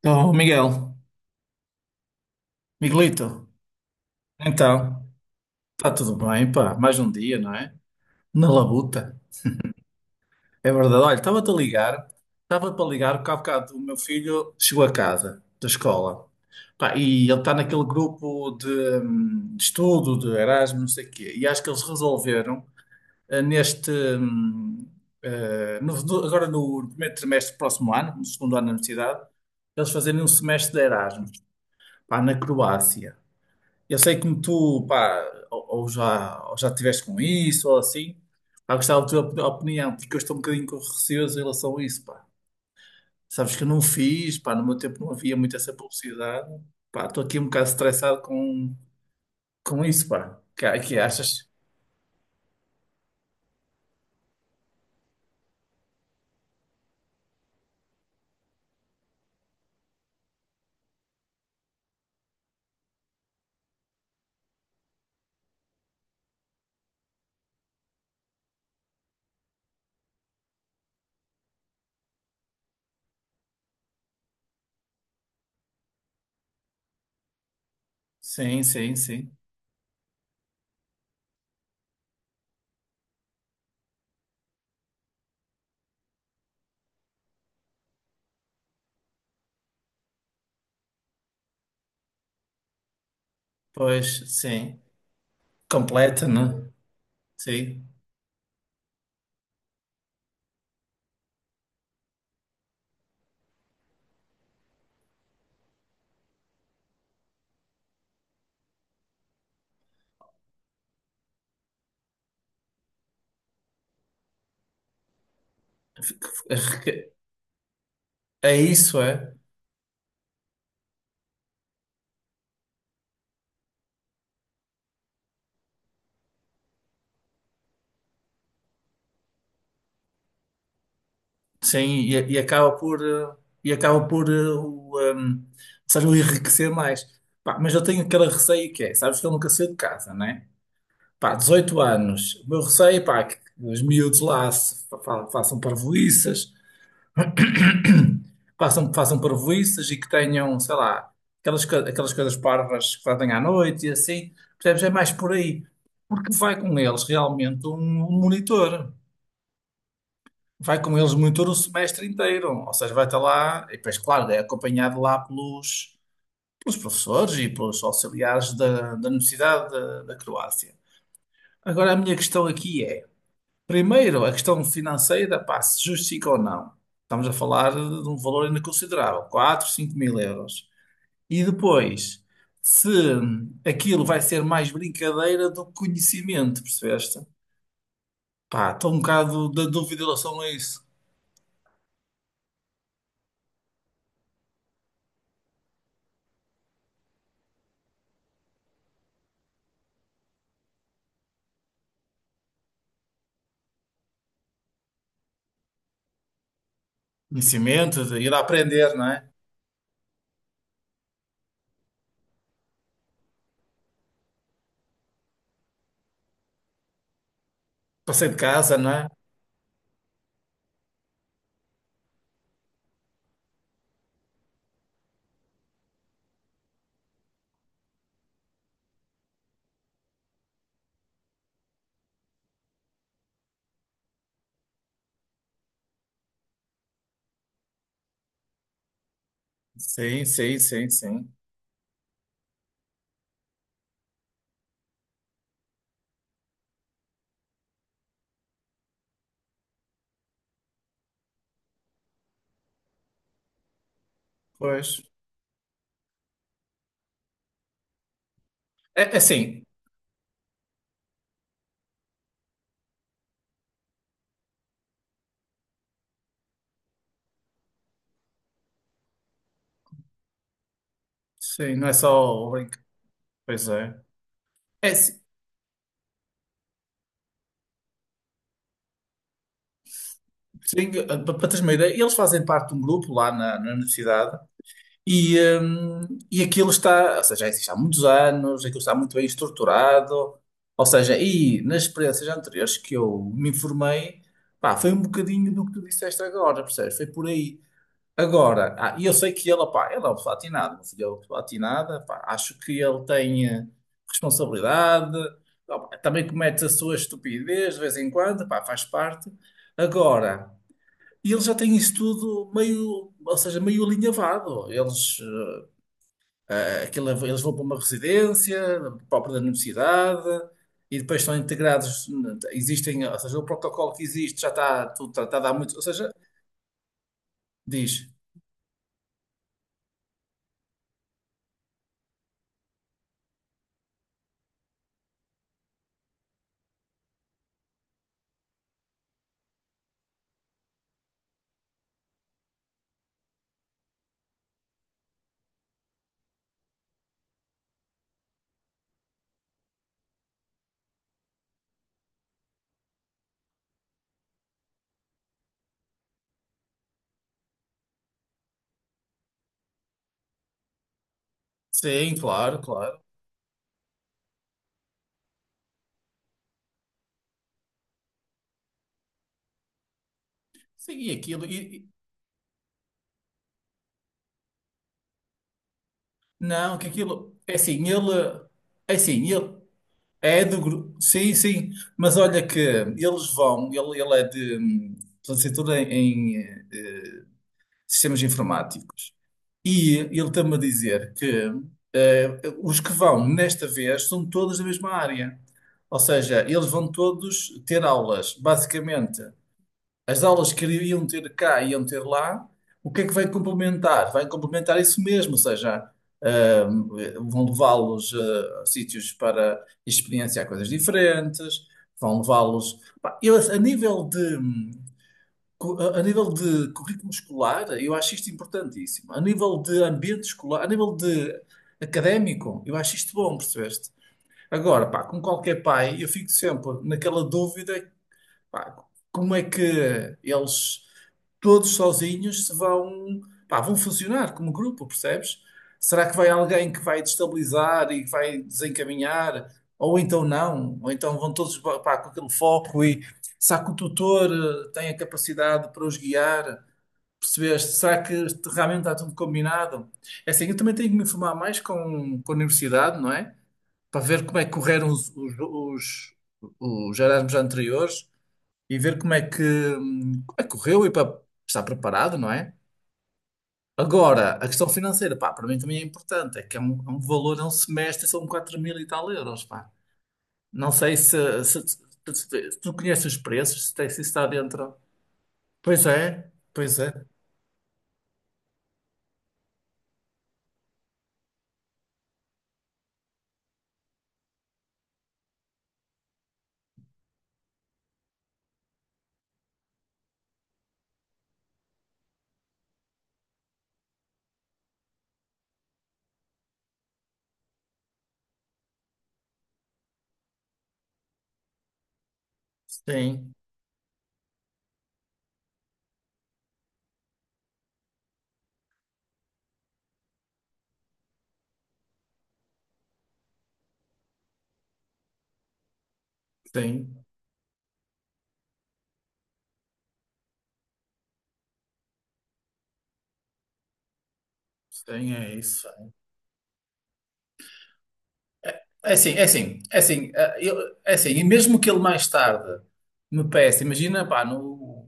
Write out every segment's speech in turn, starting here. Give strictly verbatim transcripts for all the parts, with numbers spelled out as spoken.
Então, Miguel, Miguelito, então, está tudo bem, pá, mais um dia, não é? Na labuta, é verdade. Olha, estava-te a ligar, estava para ligar, porque há bocado o meu filho chegou a casa da escola, pá, e ele está naquele grupo de, hum, de estudo, de Erasmus, não sei o quê, e acho que eles resolveram, eh, neste, hum, eh, no- no- agora no primeiro trimestre do próximo ano, no segundo ano da universidade, eles fazerem um semestre de Erasmus, pá, na Croácia. Eu sei como tu, pá, ou, ou já, ou já tiveste com isso, ou assim, pá, gostava da tua op- opinião, porque eu estou um bocadinho com receoso em relação a isso, pá. Sabes que eu não fiz, pá, no meu tempo não havia muito essa publicidade, pá, estou aqui um bocado estressado com, com isso, pá. Que, que achas? Sim, sim, sim. Pois, sim. Completa, não? Sim. É é isso, é. Sim, e, e acaba por, eh, e acaba por eh, o, ehm, ou seja, o enriquecer mais. Pá, mas eu tenho aquele receio que é, sabes que eu nunca saí de casa, né? Pá, dezoito anos, o meu receio, pá, é que os miúdos lá se fa- fa- façam parvoíças, façam, façam parvoíças e que tenham, sei lá, aquelas, co- aquelas coisas parvas que fazem à noite e assim, percebes? É mais por aí, porque vai com eles realmente um, um monitor. Vai com eles muito o semestre inteiro, ou seja, vai estar lá, e depois, claro, é acompanhado lá pelos, pelos professores e pelos auxiliares da, da Universidade da, da Croácia. Agora, a minha questão aqui é, primeiro, a questão financeira, pá, se justifica ou não. Estamos a falar de um valor ainda considerável, quatro, cinco mil euros. E depois, se aquilo vai ser mais brincadeira do que conhecimento, percebeste? Pá, estou um bocado da dúvida em relação a isso. Conhecimento, de ir a aprender, não é? Passei de casa, não é? Sim, sim, sim, sim. Pois. É, é sim. Sim, não é só o link. Pois é. É sim, sim, para teres uma ideia, eles fazem parte de um grupo lá na, na universidade e, hum, e aquilo está, ou seja, já existe há muitos anos, aquilo está muito bem estruturado. Ou seja, e nas experiências anteriores que eu me informei, pá, foi um bocadinho do que tu disseste agora, percebes? Foi por aí. Agora, ah, e eu sei que ele, pá, ele é o platinado, meu filho é o platinado, pá, acho que ele tem eh, responsabilidade, ah, pá, também comete a sua estupidez de vez em quando, pá, faz parte. Agora, ele já tem isso tudo meio, ou seja, meio alinhavado. Eles, eh, eh, aquilo- eles vão para uma residência própria da universidade e depois estão integrados, existem, ou seja, o protocolo que existe já está tudo tratado há muito, ou seja, diz, sim, claro, claro. Sim, e aquilo. E, e- não, que aquilo. É assim, ele. É assim, ele é do grupo. Sim, sim. Mas olha que eles vão. Ele, ele é de. Hum, Licenciatura em, em eh, sistemas informáticos. E ele está-me a dizer que eh, os que vão nesta vez são todos da mesma área. Ou seja, eles vão todos ter aulas, basicamente. As aulas que iriam ter cá e iam ter lá, o que é que vai complementar? Vai complementar isso mesmo, ou seja, ah, vão levá-los ah, a sítios para experienciar coisas diferentes, vão levá-los. Pá, eu, a nível de, hum, cu- a a nível de currículo escolar, eu acho isto importantíssimo. A nível de ambiente escolar, a nível de académico, eu acho isto bom, percebeste? Agora, pá, com qualquer pai, eu fico sempre naquela dúvida. Pá, como é que eles todos sozinhos se vão, pá, vão funcionar como grupo, percebes? Será que vai alguém que vai destabilizar e que vai desencaminhar? Ou então não? Ou então vão todos, pá, com aquele foco e será que o tutor eh, tem a capacidade para os guiar? Percebeste? Será que este- realmente está tudo combinado? É assim, eu também tenho que me informar mais com, com a universidade, não é? Para ver como é que correram os, os, os, os Erasmus anteriores e ver como é que, hum, como é que correu e para estar preparado, não é? Agora, a questão financeira, pá, para mim também é importante, é que é um, é um, valor, é um semestre, são quatro mil e tal euros, pá. Não sei se, se, se- se- se tu conheces os preços, se, tem- se isso está dentro. Pois é, pois é. Sim, sim, sim, é isso. É assim, é assim, é assim, eh, eu- é assim, e mesmo que ele mais tarde me peça, imagina, pá, no,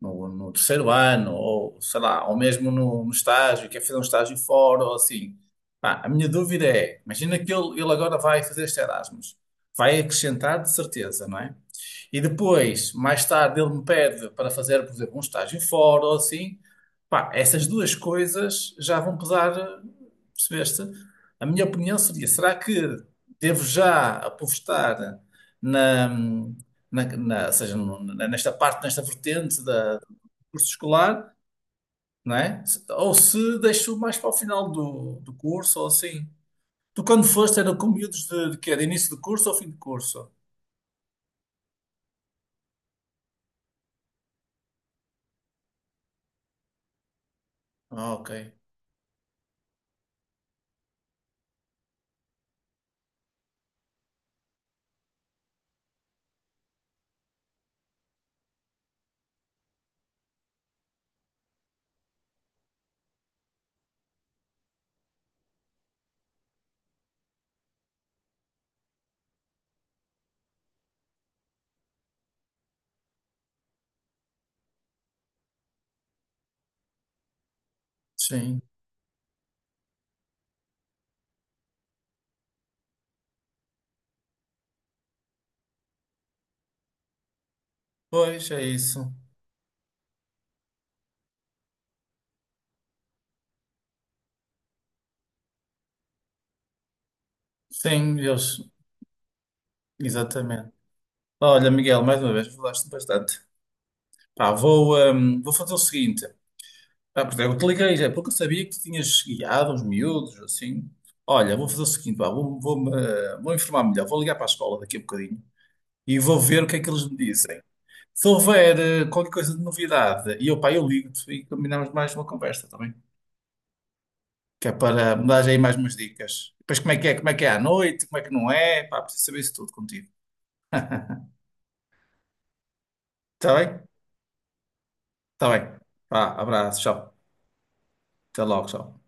no, no terceiro ano, ou sei lá, ou mesmo no, no estágio, quer fazer um estágio fora, ou assim, pá, a minha dúvida é, imagina que ele, ele agora vai fazer este Erasmus, vai acrescentar de certeza, não é? E depois, mais tarde, ele me pede para fazer, por exemplo, um estágio fora ou assim. Pá, essas duas coisas já vão pesar, percebeste? A minha opinião seria: será que devo já apostar na, na, na- ou seja, no- na- nesta parte, nesta vertente da, do curso escolar, não é? Se- Ou se deixo mais para o final do, do curso ou assim? Tu, quando foste, era com miúdos de, de quê? De início de curso ou fim de curso? Ah, ok. Sim. Pois, é isso. Sim, eles, exatamente. Olha, Miguel, mais uma vez, falaste bastante. Pá, vou, hum, vou fazer o seguinte. Ah, porque eu te liguei já, porque eu sabia que tu tinhas guiado uns miúdos, assim. Olha, vou fazer o seguinte, pá, vou, vou, eh, vou informar melhor, vou ligar para a escola daqui a bocadinho e vou ver o que é que eles me dizem. Se houver eh, qualquer coisa de novidade, e eu, pá, eu ligo-te e combinamos mais uma conversa também. Que é para me dar aí mais umas dicas. Depois como é que é, como é que é à noite, como é que não é, pá, preciso saber isso tudo contigo. Está bem? Tá bem. Vá, abraço, tchau. Até logo, tchau.